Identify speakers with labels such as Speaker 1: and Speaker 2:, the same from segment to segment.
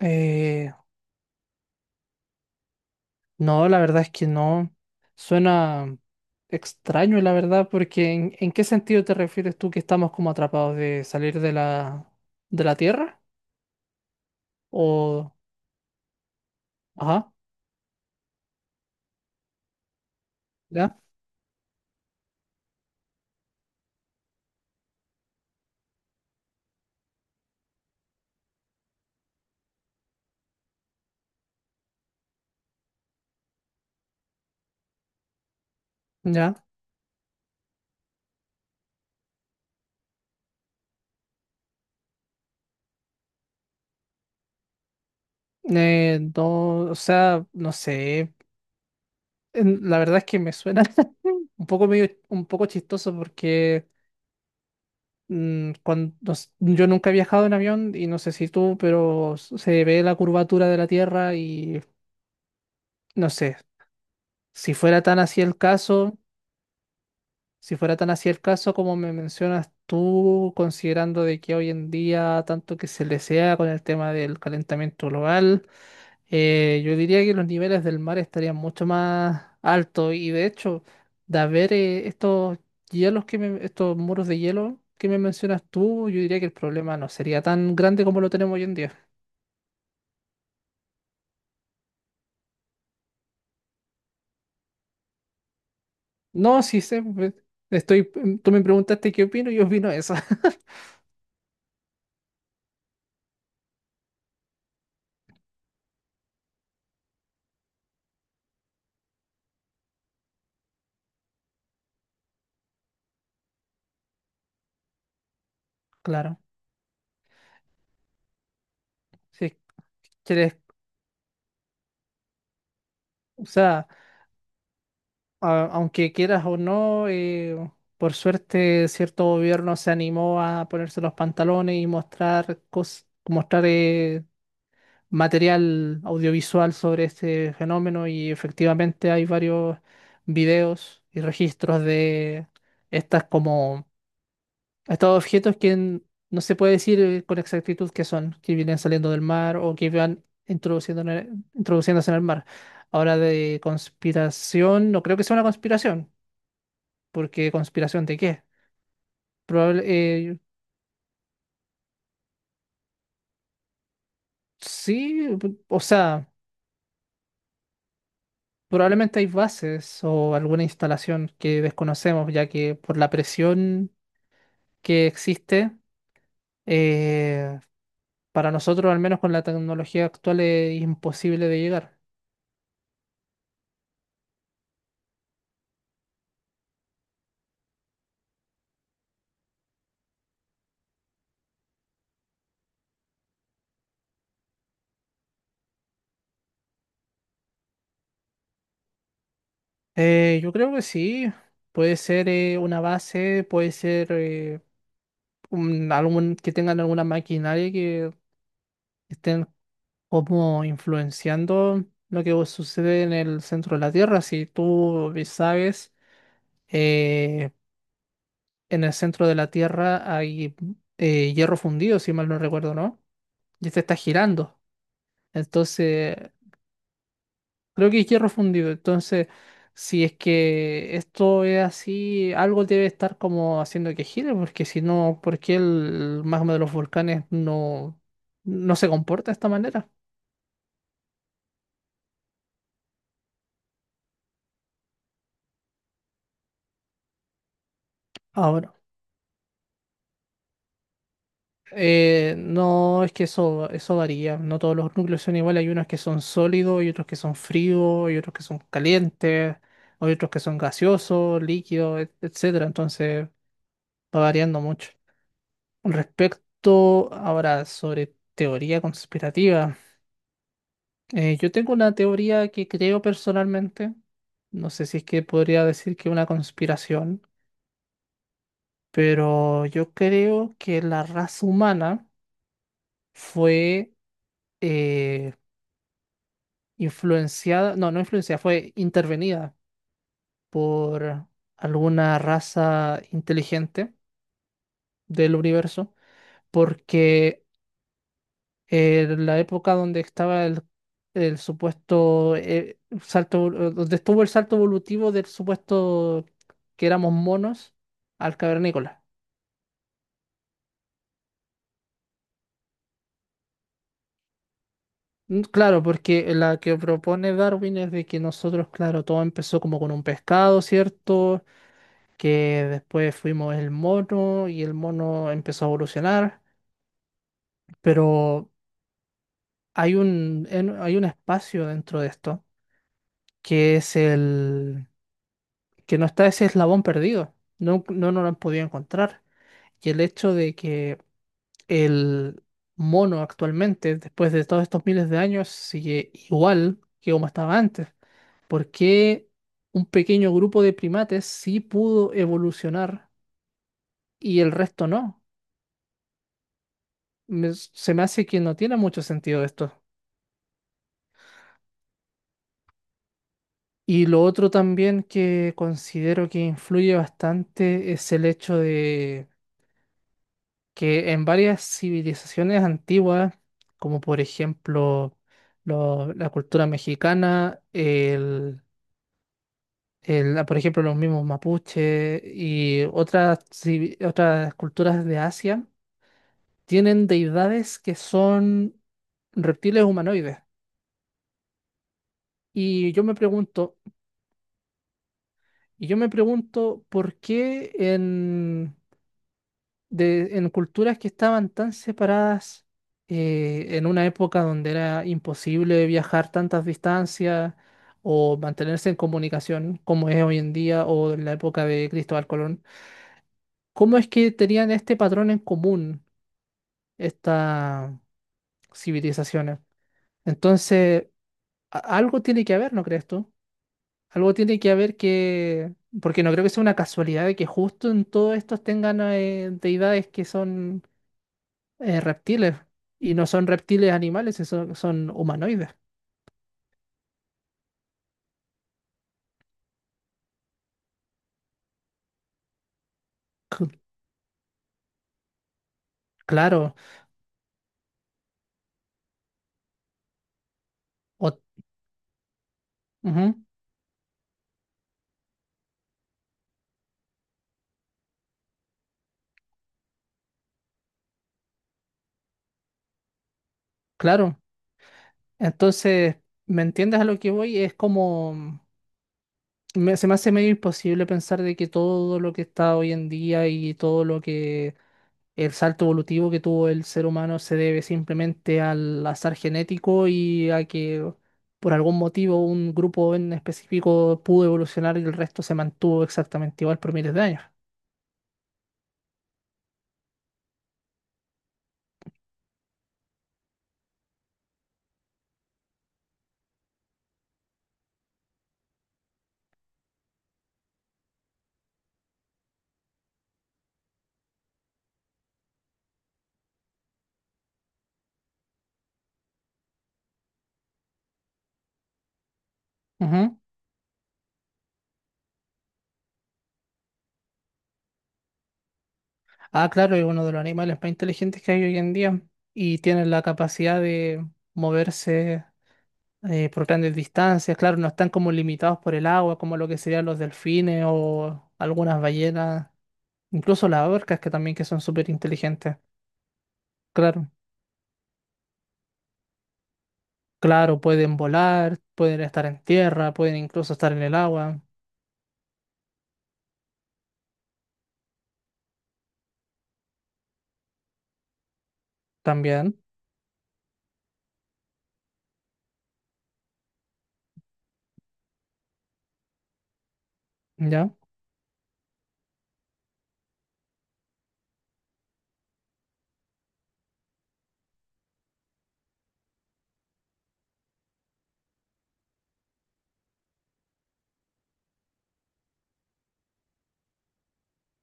Speaker 1: Eh, no, la verdad es que no. Suena extraño, la verdad, porque en qué sentido te refieres tú que estamos como atrapados de salir de de la Tierra? O, ajá, ya, ya. No, o sea, no sé. La verdad es que me suena un poco medio, un poco chistoso porque cuando, yo nunca he viajado en avión y no sé si tú, pero se ve la curvatura de la Tierra y no sé. Si fuera tan así el caso, si fuera tan así el caso como me mencionas tú, considerando de que hoy en día tanto que se desea con el tema del calentamiento global, yo diría que los niveles del mar estarían mucho más altos y de hecho, de haber estos estos muros de hielo que me mencionas tú, yo diría que el problema no sería tan grande como lo tenemos hoy en día. No, sí sé, pues, estoy, tú me preguntaste qué opino, yo opino eso. Claro, si quieres, o sea. Aunque quieras o no, por suerte cierto gobierno se animó a ponerse los pantalones y mostrar mostrar material audiovisual sobre este fenómeno y efectivamente hay varios videos y registros de estas como estos objetos que no se puede decir con exactitud qué son, que vienen saliendo del mar o que van introduciendo en introduciéndose en el mar. Ahora de conspiración, no creo que sea una conspiración porque ¿conspiración de qué? Probable, sí, o sea, probablemente hay bases o alguna instalación que desconocemos, ya que por la presión que existe, eh, para nosotros, al menos con la tecnología actual, es imposible de llegar. Yo creo que sí, puede ser una base, puede ser algún, que tengan alguna maquinaria que estén como influenciando lo que sucede en el centro de la Tierra. Si tú sabes, eh, en el centro de la Tierra hay hierro fundido, si mal no recuerdo, ¿no? Y este está girando. Entonces, creo que es hierro fundido. Entonces, si es que esto es así, algo debe estar como haciendo que gire, porque si no, ¿por qué el magma de los volcanes no se comporta de esta manera? Ahora. No, es que eso varía. No todos los núcleos son iguales. Hay unos que son sólidos, hay otros que son fríos, hay otros que son calientes, hay otros que son gaseosos, líquidos, etcétera. Entonces va variando mucho. Respecto ahora sobre teoría conspirativa, yo tengo una teoría que creo personalmente. No sé si es que podría decir que una conspiración, pero yo creo que la raza humana fue eh, influenciada, no, no influenciada, fue intervenida por alguna raza inteligente del universo, porque en la época donde estaba el supuesto donde estuvo el salto evolutivo del supuesto que éramos monos al cavernícola. Claro, porque la que propone Darwin es de que nosotros, claro, todo empezó como con un pescado, ¿cierto? Que después fuimos el mono y el mono empezó a evolucionar, pero hay un, hay un espacio dentro de esto que es el que no está ese eslabón perdido, no, no, nos lo han podido encontrar. Y el hecho de que el mono actualmente, después de todos estos miles de años, sigue igual que como estaba antes. ¿Por qué un pequeño grupo de primates sí pudo evolucionar y el resto no? Se me hace que no tiene mucho sentido esto. Y lo otro también que considero que influye bastante es el hecho de que en varias civilizaciones antiguas, como por ejemplo la cultura mexicana, por ejemplo los mismos mapuches y otras, otras culturas de Asia, tienen deidades que son reptiles humanoides. Y yo me pregunto, Y yo me pregunto por qué en culturas que estaban tan separadas, en una época donde era imposible viajar tantas distancias o mantenerse en comunicación como es hoy en día o en la época de Cristóbal Colón, ¿cómo es que tenían este patrón en común estas civilizaciones? Entonces, algo tiene que haber, ¿no crees tú? Algo tiene que haber que, porque no creo que sea una casualidad de que justo en todos estos tengan deidades que son reptiles y no son reptiles animales, son humanoides. C- Claro, o- ujú, claro. Entonces, ¿me entiendes a lo que voy? Es como, se me hace medio imposible pensar de que todo lo que está hoy en día y todo lo que el salto evolutivo que tuvo el ser humano se debe simplemente al azar genético y a que por algún motivo un grupo en específico pudo evolucionar y el resto se mantuvo exactamente igual por miles de años. Ujú. Ah, claro, es uno de los animales más inteligentes que hay hoy en día y tienen la capacidad de moverse por grandes distancias. Claro, no están como limitados por el agua, como lo que serían los delfines o algunas ballenas, incluso las orcas que también que son súper inteligentes. Claro. Claro, pueden volar, pueden estar en tierra, pueden incluso estar en el agua también, ¿ya?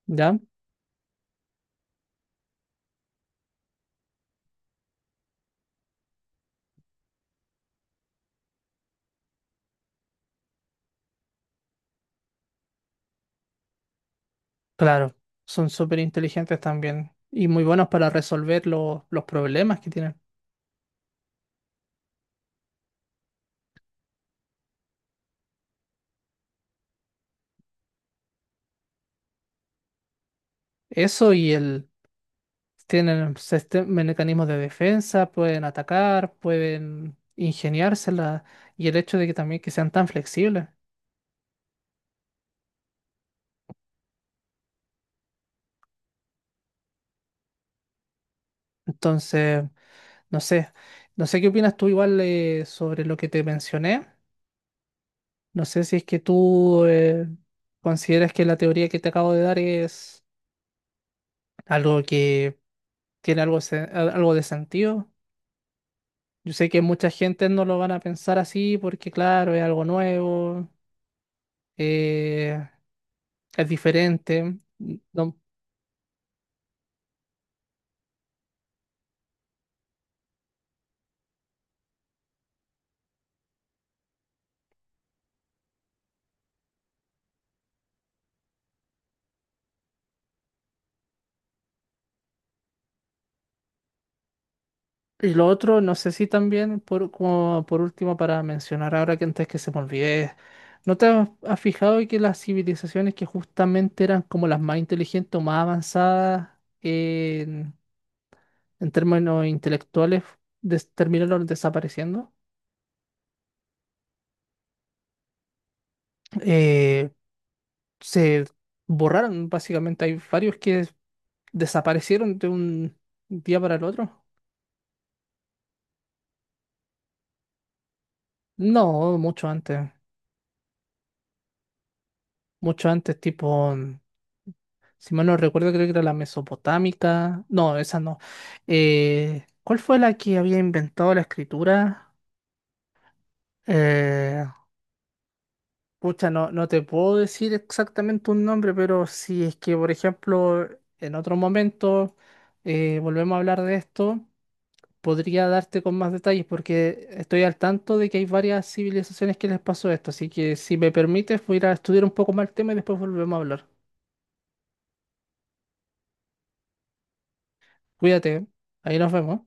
Speaker 1: ¿Ya? Claro, son súper inteligentes también y muy buenos para resolver los problemas que tienen. Eso y el, tienen mecanismos de defensa, pueden atacar, pueden ingeniársela y el hecho de que también que sean tan flexibles. Entonces, no sé, no sé qué opinas tú igual sobre lo que te mencioné. No sé si es que tú consideras que la teoría que te acabo de dar es algo que tiene algo, algo de sentido. Yo sé que mucha gente no lo van a pensar así porque, claro, es algo nuevo, eh, es diferente. No- y lo otro, no sé si también, por, como por último, para mencionar ahora que antes que se me olvide, ¿no te has fijado que las civilizaciones que justamente eran como las más inteligentes o más avanzadas, en términos intelectuales terminaron desapareciendo? Eh, se borraron, básicamente. Hay varios que desaparecieron de un día para el otro. No, mucho antes. Mucho antes, tipo, si mal no recuerdo, creo que era la mesopotámica. No, esa no. ¿Cuál fue la que había inventado la escritura? Eh, Pucha, no te puedo decir exactamente un nombre, pero si es que, por ejemplo, en otro momento volvemos a hablar de esto, podría darte con más detalles porque estoy al tanto de que hay varias civilizaciones que les pasó esto. Así que si me permites, voy a ir a estudiar un poco más el tema y después volvemos a hablar. Cuídate, ¿eh? Ahí nos vemos.